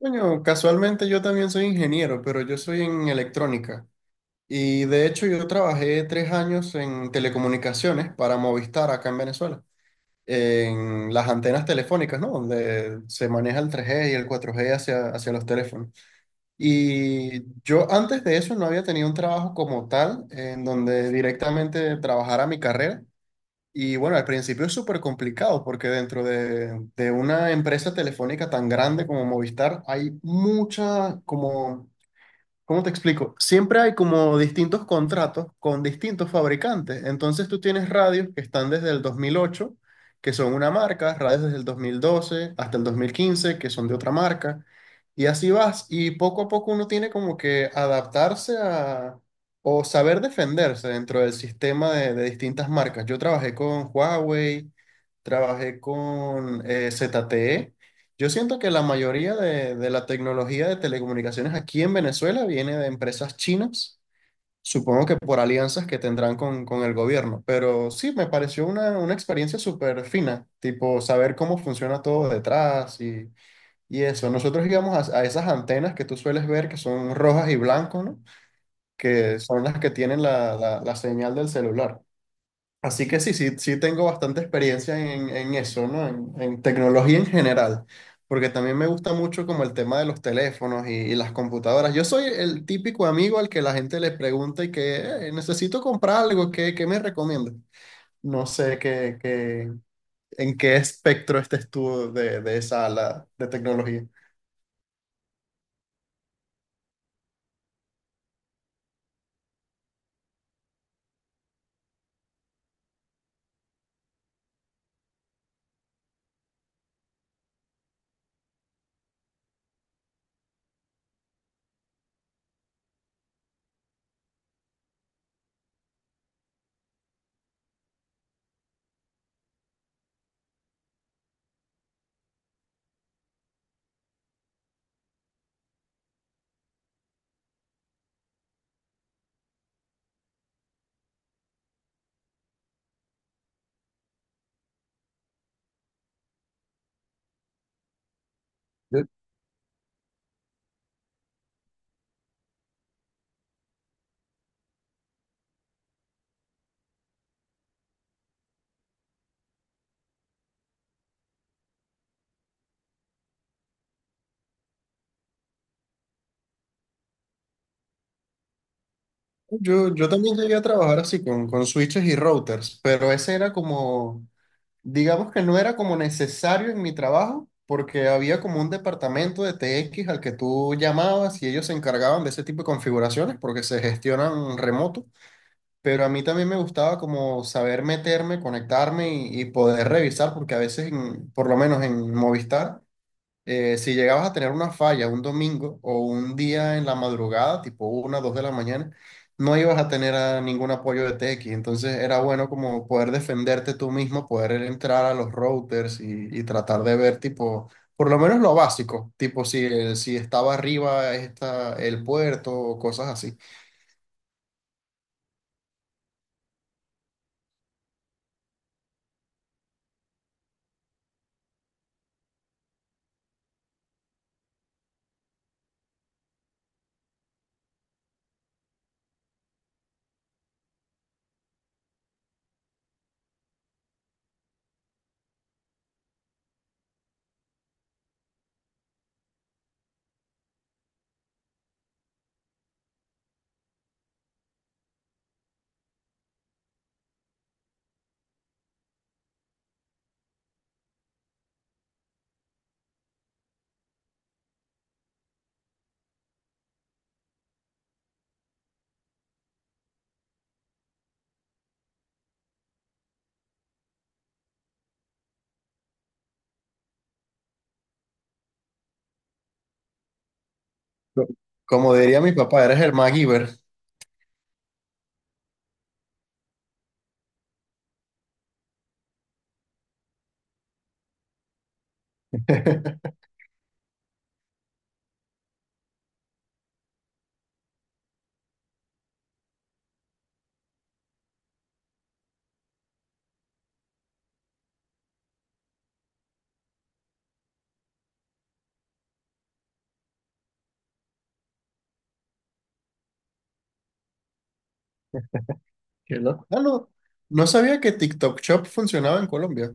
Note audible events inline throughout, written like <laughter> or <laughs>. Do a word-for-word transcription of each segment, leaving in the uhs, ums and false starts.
Bueno, casualmente yo también soy ingeniero, pero yo soy en electrónica. Y de hecho yo trabajé tres años en telecomunicaciones para Movistar acá en Venezuela, en las antenas telefónicas, ¿no? Donde se maneja el tres g y el cuatro g hacia, hacia los teléfonos. Y yo antes de eso no había tenido un trabajo como tal, en donde directamente trabajara mi carrera. Y bueno, al principio es súper complicado porque dentro de, de una empresa telefónica tan grande como Movistar hay mucha como... ¿Cómo te explico? Siempre hay como distintos contratos con distintos fabricantes. Entonces tú tienes radios que están desde el dos mil ocho, que son una marca, radios desde el dos mil doce hasta el dos mil quince que son de otra marca. Y así vas. Y poco a poco uno tiene como que adaptarse a... o saber defenderse dentro del sistema de, de distintas marcas. Yo trabajé con Huawei, trabajé con eh, Z T E. Yo siento que la mayoría de, de la tecnología de telecomunicaciones aquí en Venezuela viene de empresas chinas, supongo que por alianzas que tendrán con, con el gobierno, pero sí, me pareció una, una experiencia súper fina, tipo saber cómo funciona todo detrás y, y eso. Nosotros íbamos a, a esas antenas que tú sueles ver que son rojas y blancas, ¿no? Que son las que tienen la, la la señal del celular. Así que sí, sí, sí tengo bastante experiencia en, en eso, ¿no? En, en tecnología en general, porque también me gusta mucho como el tema de los teléfonos y, y las computadoras. Yo soy el típico amigo al que la gente le pregunta y que: "Eh, necesito comprar algo, ¿qué, qué me recomiendas? No sé qué, qué-" en qué espectro estés tú de, de esa ala de tecnología. Yo, yo también llegué a trabajar así con, con switches y routers, pero ese era como... Digamos que no era como necesario en mi trabajo, porque había como un departamento de T X al que tú llamabas y ellos se encargaban de ese tipo de configuraciones porque se gestionan remoto, pero a mí también me gustaba como saber meterme, conectarme y, y poder revisar, porque a veces, en- por lo menos en Movistar, eh, si llegabas a tener una falla un domingo o un día en la madrugada, tipo una, dos de la mañana, no ibas a tener a ningún apoyo de t TX. Entonces era bueno como poder defenderte tú mismo, poder entrar a los routers y, y tratar de ver tipo, por lo menos lo básico, tipo si, el- si estaba arriba está el puerto o cosas así. Co- Como diría mi papá, eres el MacGyver. <laughs> Qué loco. Ah, no, no sabía que TikTok Shop funcionaba en Colombia.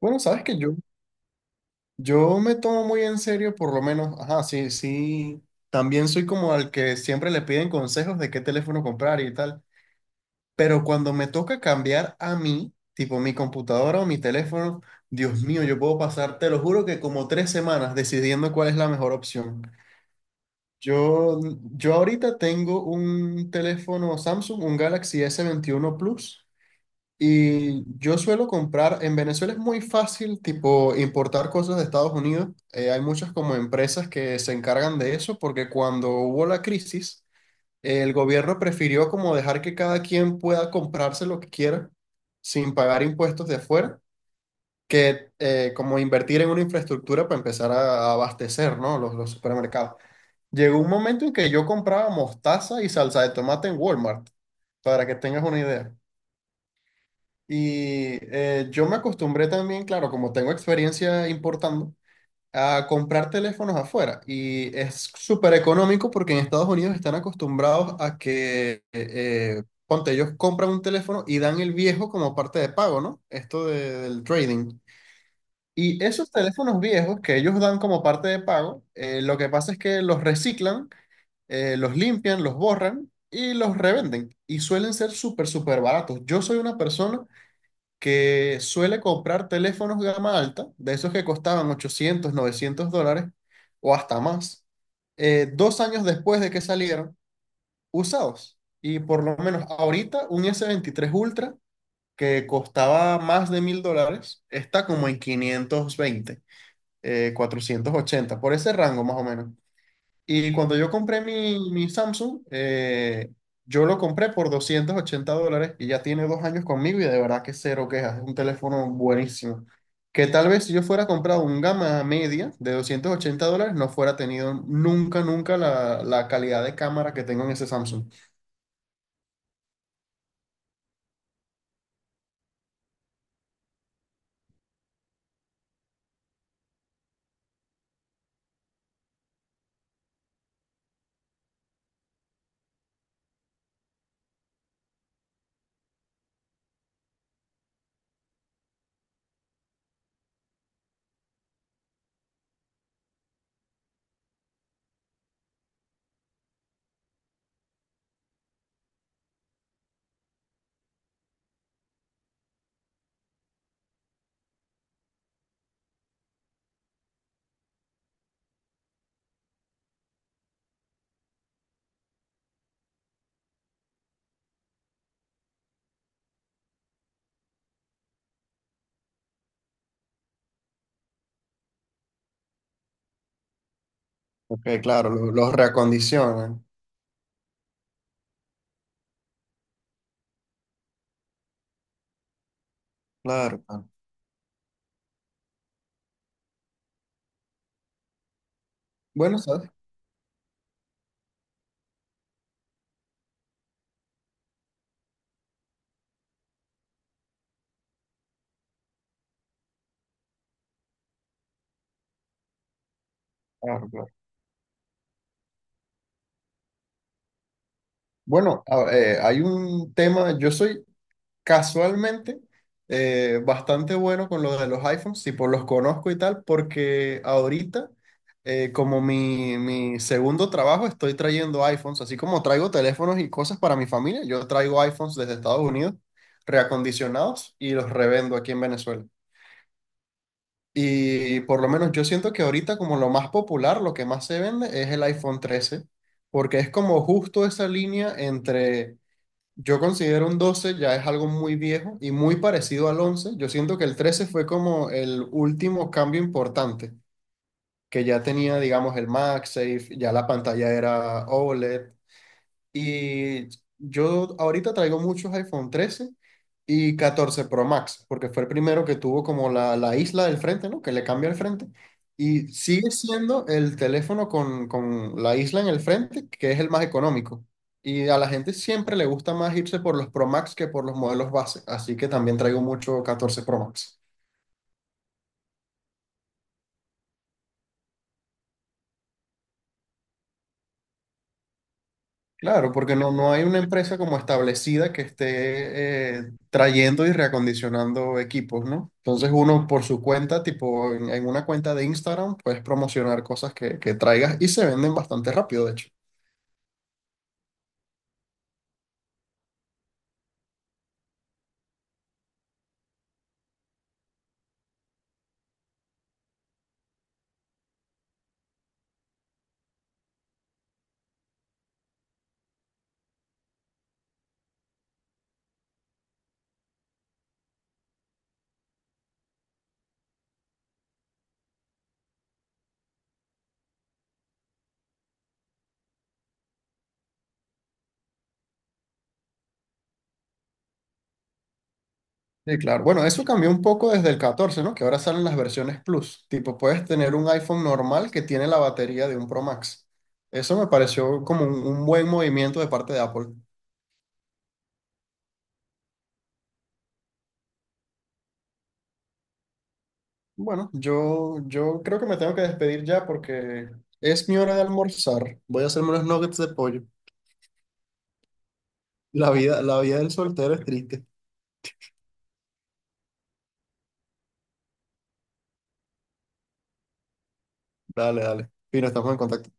Bueno, ¿sabes que yo...? Yo me tomo muy en serio, por lo menos, ajá, sí, sí, también soy como al que siempre le piden consejos de qué teléfono comprar y tal, pero cuando me toca cambiar a mí, tipo mi computadora o mi teléfono, Dios mío, yo puedo pasar, te lo juro que como tres semanas decidiendo cuál es la mejor opción. Yo, yo ahorita tengo un teléfono Samsung, un Galaxy s veintiuno Plus, y yo suelo comprar, en Venezuela es muy fácil, tipo, importar cosas de Estados Unidos. Eh, hay muchas como empresas que se encargan de eso porque cuando hubo la crisis, el gobierno prefirió como dejar que cada quien pueda comprarse lo que quiera sin pagar impuestos de afuera, que eh, como invertir en una infraestructura para empezar a, a abastecer, ¿no? Los, los supermercados. Llegó un momento en que yo compraba mostaza y salsa de tomate en Walmart, para que tengas una idea. Y eh, yo me acostumbré también, claro, como tengo experiencia importando, a comprar teléfonos afuera. Y es súper económico porque en Estados Unidos están acostumbrados a que, eh, ponte, ellos compran un teléfono y dan el viejo como parte de pago, ¿no? Esto de- del trading. Y esos teléfonos viejos que ellos dan como parte de pago, eh, lo que pasa es que los reciclan, eh, los limpian, los borran y los revenden. Y suelen ser súper, súper baratos. Yo soy una persona que suele comprar teléfonos gama alta, de esos que costaban ochocientos, novecientos dólares o hasta más, eh, dos años después de que salieron, usados. Y por lo menos ahorita un S veintitrés Ultra que costaba más de mil dólares está como en quinientos veinte, eh, cuatrocientos ochenta, por ese rango más o menos. Y cuando yo compré mi, mi Samsung, eh, yo lo compré por doscientos ochenta dólares y ya tiene dos años conmigo y de verdad que cero quejas. Es un teléfono buenísimo. Que tal vez si yo fuera comprado un gama media de doscientos ochenta dólares, no fuera tenido nunca, nunca la, la calidad de cámara que tengo en ese Samsung. Ok, claro, lo- los reacondicionan. Claro, claro. Bueno, ¿sabes? Claro, claro. Bueno, a- eh, hay un tema, yo soy... Casualmente, eh, bastante bueno con lo de los iPhones, tipo los conozco y tal, porque ahorita, eh, como mi, mi segundo trabajo, estoy trayendo iPhones, así como traigo teléfonos y cosas para mi familia, yo traigo iPhones desde Estados Unidos, reacondicionados, y los revendo aquí en Venezuela. Y por lo menos yo siento que ahorita como lo más popular, lo que más se vende es el iPhone trece porque es como justo esa línea entre... yo considero un doce ya es algo muy viejo y muy parecido al once. Yo siento que el trece fue como el último cambio importante, que ya tenía, digamos, el MagSafe, ya la pantalla era O LED, y yo ahorita traigo muchos iPhone trece y catorce Pro Max, porque fue el primero que tuvo como la, la isla del frente, ¿no? Que le cambia el frente. Y sigue siendo el teléfono con, con la isla en el frente, que es el más económico. Y a la gente siempre le gusta más irse por los Pro Max que por los modelos base. Así que también traigo mucho catorce Pro Max. Claro, porque no, no hay una empresa como establecida que esté eh, trayendo y reacondicionando equipos, ¿no? Entonces uno por su cuenta, tipo en, en una cuenta de Instagram, puedes promocionar cosas que, que traigas y se venden bastante rápido, de hecho. Sí, claro. Bueno, eso cambió un poco desde el catorce, ¿no? Que ahora salen las versiones Plus. Tipo, puedes tener un iPhone normal que tiene la batería de un Pro Max. Eso me pareció como un, un buen movimiento de parte de Apple. Bueno, yo, yo creo que me tengo que despedir ya porque es mi hora de almorzar. Voy a hacerme unos nuggets de pollo. La vida, la vida del soltero es triste. Dale, dale. Fino, estamos en contacto.